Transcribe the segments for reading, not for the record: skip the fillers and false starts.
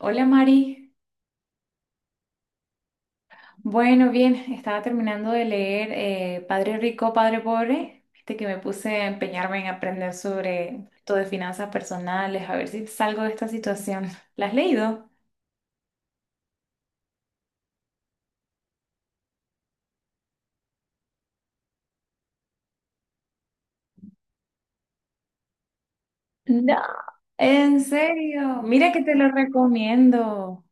Hola Mari. Bueno, bien, estaba terminando de leer Padre Rico, Padre Pobre, este que me puse a empeñarme en aprender sobre todo de finanzas personales, a ver si salgo de esta situación. ¿La has leído? No. En serio, mira que te lo recomiendo.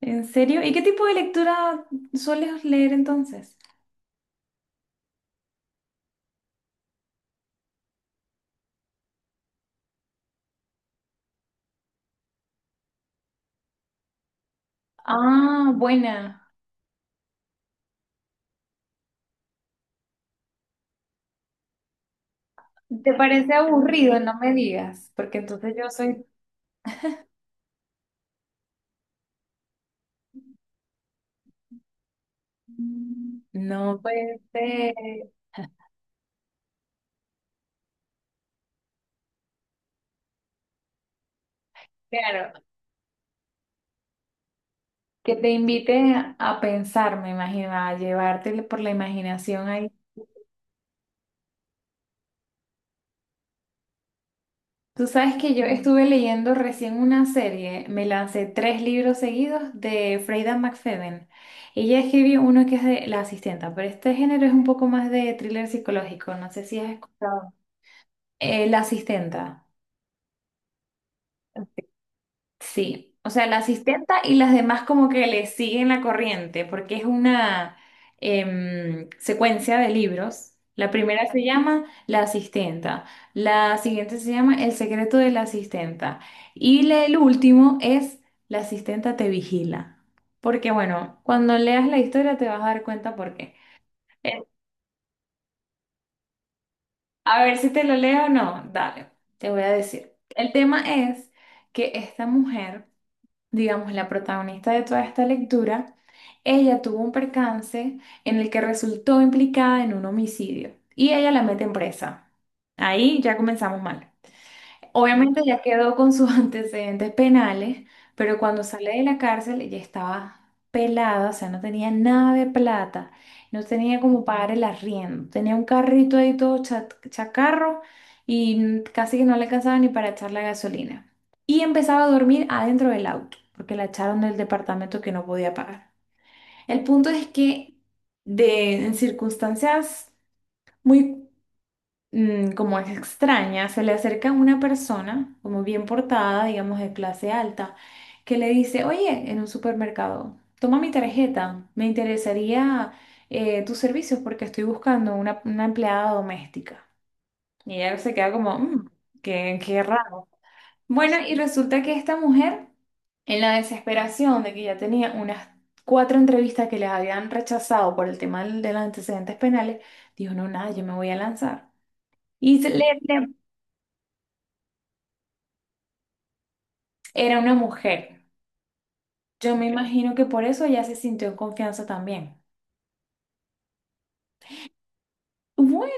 En serio, ¿y qué tipo de lectura sueles leer entonces? Ah, buena. ¿Te parece aburrido? No me digas, porque entonces yo soy. No puede ser. Claro. Que te inviten a pensar, me imagino, a llevarte por la imaginación ahí. Tú sabes que yo estuve leyendo recién una serie, me lancé tres libros seguidos de Freida McFadden. Ella escribió uno que es de La Asistenta, pero este género es un poco más de thriller psicológico, no sé si has escuchado. La Asistenta. Sí, o sea, la asistenta y las demás como que le siguen la corriente, porque es una secuencia de libros. La primera se llama La Asistenta, la siguiente se llama El Secreto de la Asistenta y el último es La Asistenta te Vigila. Porque bueno, cuando leas la historia te vas a dar cuenta por qué. Eh, a ver si te lo leo o no, dale, te voy a decir. El tema es que esta mujer, digamos, la protagonista de toda esta lectura, ella tuvo un percance en el que resultó implicada en un homicidio y ella la meten presa. Ahí ya comenzamos mal. Obviamente ya quedó con sus antecedentes penales, pero cuando sale de la cárcel ya estaba pelada, o sea, no tenía nada de plata, no tenía como pagar el arriendo, tenía un carrito ahí todo chacarro y casi que no le alcanzaba ni para echar la gasolina. Y empezaba a dormir adentro del auto, porque la echaron del departamento que no podía pagar. El punto es que en circunstancias muy como es extraña, se le acerca una persona, como bien portada, digamos de clase alta, que le dice, oye, en un supermercado, toma mi tarjeta, me interesaría tus servicios porque estoy buscando una empleada doméstica. Y ella se queda como: "Mm, qué, qué raro". Bueno, y resulta que esta mujer, en la desesperación de que ya tenía unas cuatro entrevistas que les habían rechazado por el tema de los antecedentes penales, dijo, no, nada, yo me voy a lanzar. Y le. Era una mujer. Yo me imagino que por eso ella se sintió en confianza también. Bueno,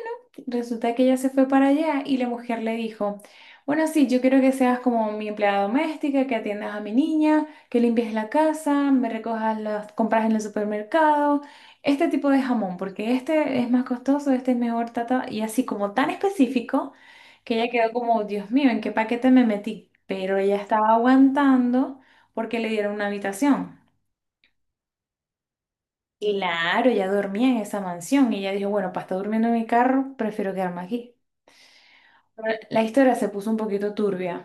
resulta que ella se fue para allá y la mujer le dijo, bueno, sí, yo quiero que seas como mi empleada doméstica, que atiendas a mi niña, que limpies la casa, me recojas las compras en el supermercado, este tipo de jamón, porque este es más costoso, este es mejor, tata, y así como tan específico, que ella quedó como, Dios mío, ¿en qué paquete me metí? Pero ella estaba aguantando porque le dieron una habitación. Claro, ella dormía en esa mansión y ella dijo, bueno, para estar durmiendo en mi carro, prefiero quedarme aquí. Pero la historia se puso un poquito turbia.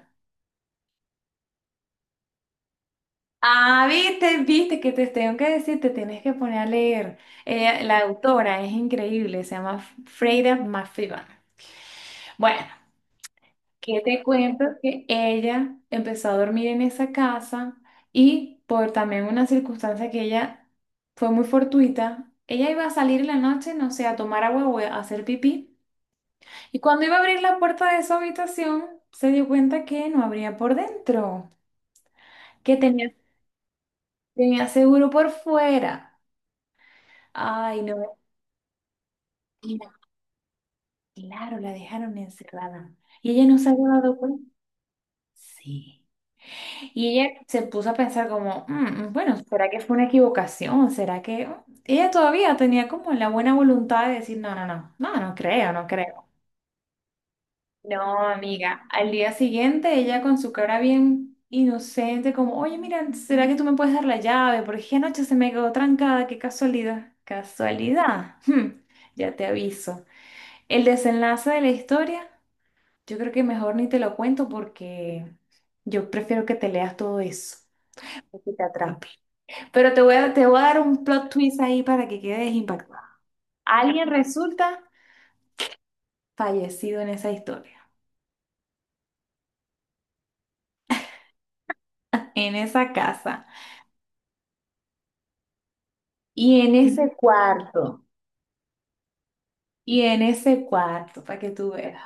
Ah, viste, viste que te tengo que decir, te tienes que poner a leer. La autora es increíble, se llama Freida McFadden. Bueno, ¿qué te cuento? Que ella empezó a dormir en esa casa y por también una circunstancia que ella fue muy fortuita, ella iba a salir en la noche, no sé, a tomar agua o a hacer pipí. Y cuando iba a abrir la puerta de su habitación, se dio cuenta que no abría por dentro, que tenía, tenía seguro por fuera. Ay, no, la- claro, la dejaron encerrada. Y ella no se había dado cuenta. Sí. Y ella se puso a pensar como: "Mm, bueno, ¿será que fue una equivocación? ¿Será que... oh?". Ella todavía tenía como la buena voluntad de decir, no, no, no, no, no creo, no creo. No, amiga, al día siguiente ella con su cara bien inocente, como, oye, mira, ¿será que tú me puedes dar la llave? Porque es que anoche se me quedó trancada, qué casualidad. ¿Casualidad? Hmm, ya te aviso. El desenlace de la historia, yo creo que mejor ni te lo cuento porque yo prefiero que te leas todo eso, que te atrape. Pero te voy a dar un plot twist ahí para que quedes impactada. Alguien resulta fallecido en esa historia, en esa casa. Y en ese cuarto, y en ese cuarto, para que tú veas,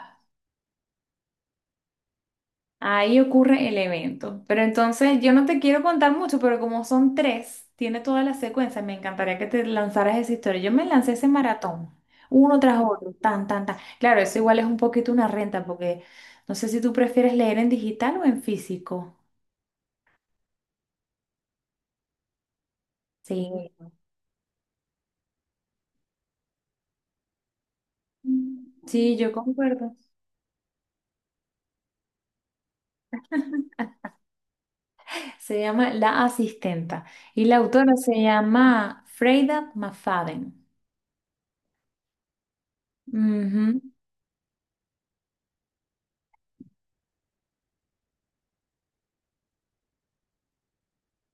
ahí ocurre el evento. Pero entonces yo no te quiero contar mucho, pero como son tres, tiene toda la secuencia, me encantaría que te lanzaras esa historia. Yo me lancé ese maratón, uno tras otro, tan, tan, tan. Claro, eso igual es un poquito una renta, porque no sé si tú prefieres leer en digital o en físico. Sí. Sí, yo concuerdo. Se llama La Asistenta y la autora se llama Freida Mafaden. Ujú.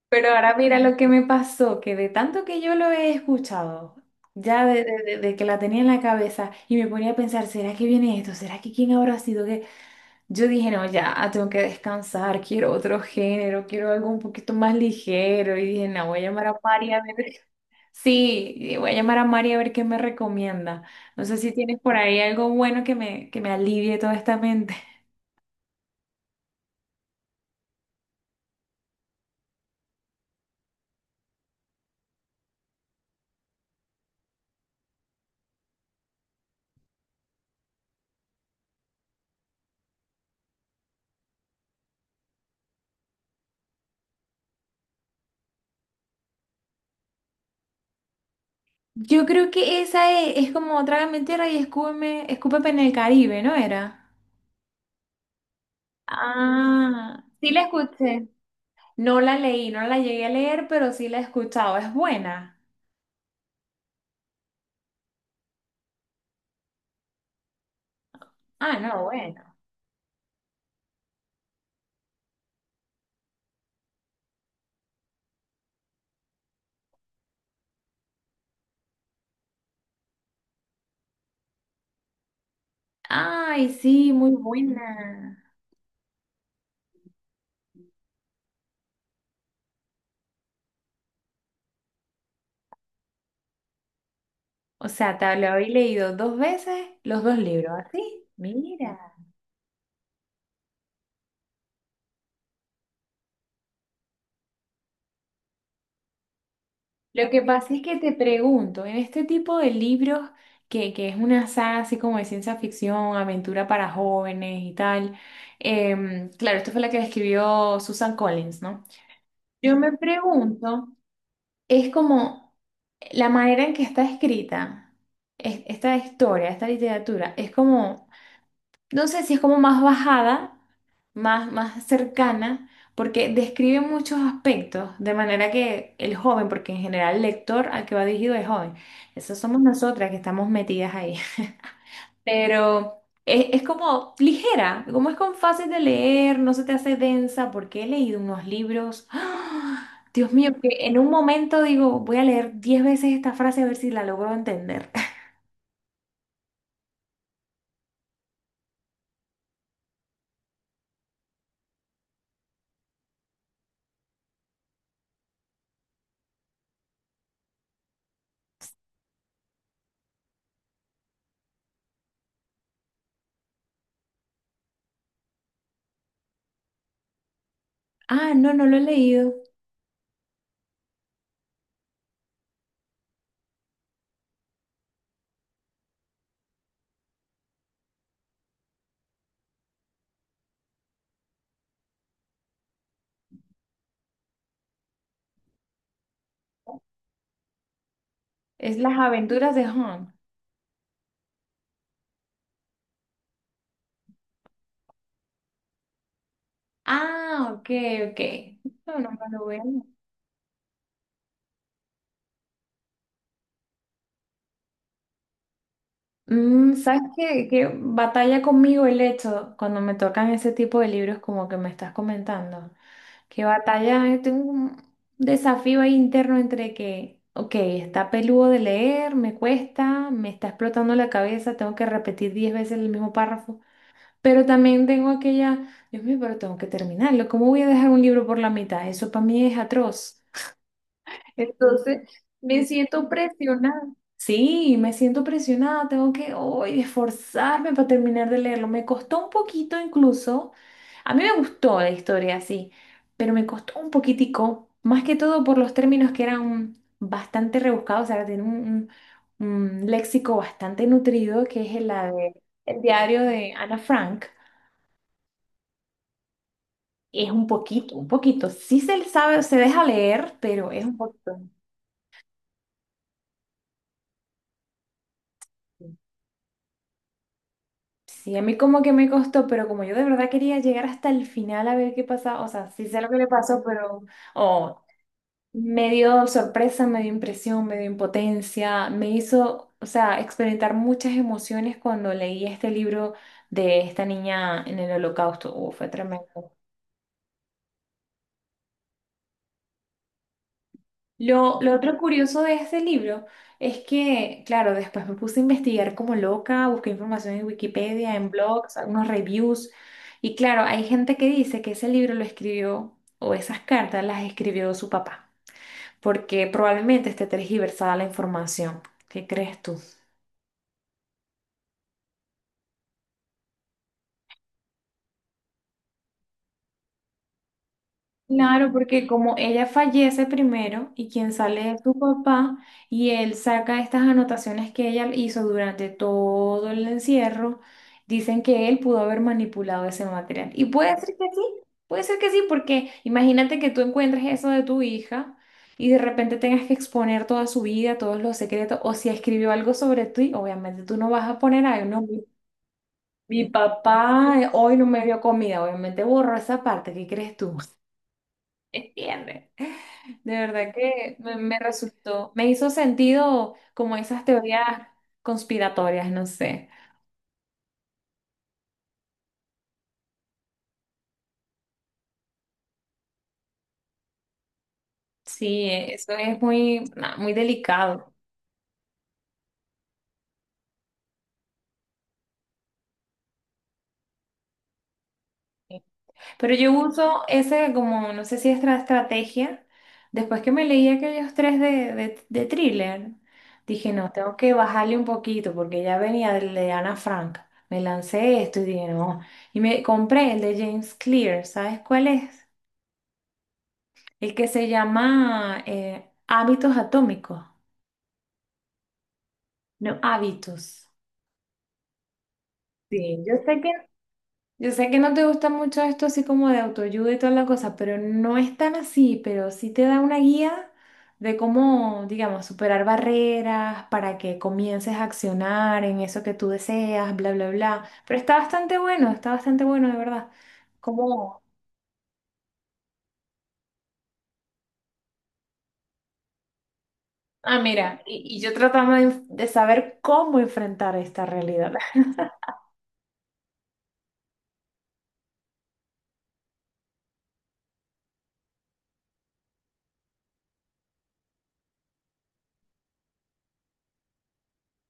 Pero ahora mira lo que me pasó, que de tanto que yo lo he escuchado, ya de que la tenía en la cabeza y me ponía a pensar, ¿será que viene esto? ¿Será que quién habrá sido? Que yo dije, no, ya, tengo que descansar, quiero otro género, quiero algo un poquito más ligero. Y dije, no, voy a llamar a Mari a ver. Sí, y voy a llamar a Mari a ver qué me recomienda. No sé si tienes por ahí algo bueno que que me alivie toda esta mente. Yo creo que esa es, como Trágame tierra y escúpeme en el Caribe, ¿no era? Ah, sí la escuché. No la leí, no la llegué a leer, pero sí la he escuchado. ¿Es buena? Ah, no, bueno. Ay, sí, muy buena. O sea, te lo habéis leído dos veces los dos libros, ¿así? Mira. Lo que pasa es que te pregunto, en este tipo de libros, que es una saga así como de ciencia ficción, aventura para jóvenes y tal, claro, esto fue la que escribió Susan Collins, ¿no? Yo me pregunto, es como la manera en que está escrita esta historia, esta literatura, es como, no sé si es como más bajada, más, más cercana, porque describe muchos aspectos, de manera que el joven, porque en general el lector al que va dirigido es joven, esas somos nosotras que estamos metidas ahí, pero es como ligera, como es con fácil de leer, no se te hace densa, porque he leído unos libros, ¡ah! Dios mío, que en un momento digo, voy a leer 10 veces esta frase a ver si la logro entender. Ah, no, no lo he leído. Es Las aventuras de Hans. Ah, ok, ok. No, no me lo veo. Mm, ¿sabes qué, qué batalla conmigo el hecho cuando me tocan ese tipo de libros como que me estás comentando? Que batalla, tengo un desafío ahí interno entre que, ok, está peludo de leer, me cuesta, me está explotando la cabeza, tengo que repetir 10 veces el mismo párrafo, pero también tengo aquella, Dios mío, pero tengo que terminarlo, ¿cómo voy a dejar un libro por la mitad? Eso para mí es atroz. Entonces, me siento presionada. Sí, me siento presionada, tengo que hoy esforzarme para terminar de leerlo. Me costó un poquito incluso. A mí me gustó la historia, sí, pero me costó un poquitico, más que todo por los términos que eran bastante rebuscados, o sea, tiene un léxico bastante nutrido, que es el Diario de Ana Frank. Es un poquito, un poquito. Sí se le sabe, se deja leer, pero es un poquito. Sí, a mí como que me costó, pero como yo de verdad quería llegar hasta el final a ver qué pasaba, o sea, sí sé lo que le pasó, pero oh, me dio sorpresa, me dio impresión, me dio impotencia, me hizo, o sea, experimentar muchas emociones cuando leí este libro de esta niña en el holocausto. Fue tremendo. Lo otro curioso de este libro es que, claro, después me puse a investigar como loca, busqué información en Wikipedia, en blogs, algunos reviews, y claro, hay gente que dice que ese libro lo escribió, o esas cartas las escribió su papá, porque probablemente esté tergiversada la información. ¿Qué crees tú? Claro, porque como ella fallece primero y quien sale es su papá y él saca estas anotaciones que ella hizo durante todo el encierro, dicen que él pudo haber manipulado ese material. Y puede ser que sí, puede ser que sí, porque imagínate que tú encuentres eso de tu hija y de repente tengas que exponer toda su vida, todos los secretos, o si escribió algo sobre ti, obviamente tú no vas a poner ahí, no, mi papá hoy no me dio comida, obviamente borró esa parte, ¿qué crees tú? ¿Entiendes? De verdad que me resultó, me hizo sentido como esas teorías conspiratorias, no sé. Sí, eso es muy, na, muy delicado. Pero yo uso ese como, no sé si es estrategia. Después que me leí aquellos tres de thriller, dije, no, tengo que bajarle un poquito porque ya venía del de Ana Frank. Me lancé esto y dije, no. Y me compré el de James Clear, ¿sabes cuál es? El que se llama Hábitos Atómicos, no hábitos. Sí, yo sé que no te gusta mucho esto así como de autoayuda y toda la cosa, pero no es tan así, pero sí te da una guía de cómo, digamos, superar barreras para que comiences a accionar en eso que tú deseas, bla, bla, bla. Pero está bastante bueno, de verdad. ¿Cómo? Ah, mira, y yo trataba de saber cómo enfrentar esta realidad.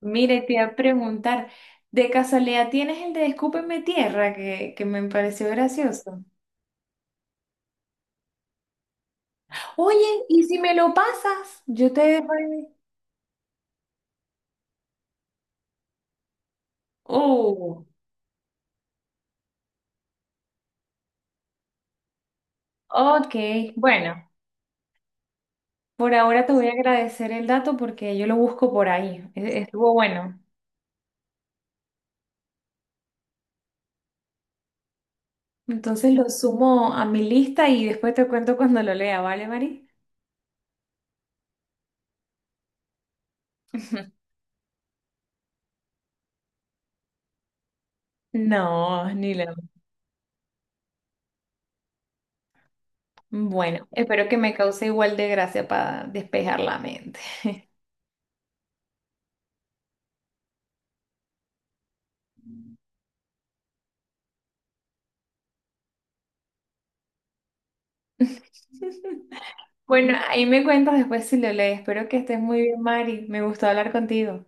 Mire, te iba a preguntar, ¿de casualidad tienes el de Escúpeme Tierra que me pareció gracioso? Oye, ¿y si me lo pasas? Yo te dejo ahí. Oh, ok. Bueno, por ahora te voy a agradecer el dato porque yo lo busco por ahí. Estuvo bueno. Entonces lo sumo a mi lista y después te cuento cuando lo lea, ¿vale, Mari? No, ni lo. Bueno, espero que me cause igual de gracia para despejar la mente. Bueno, ahí me cuentas después si lo lees. Espero que estés muy bien, Mari. Me gustó hablar contigo.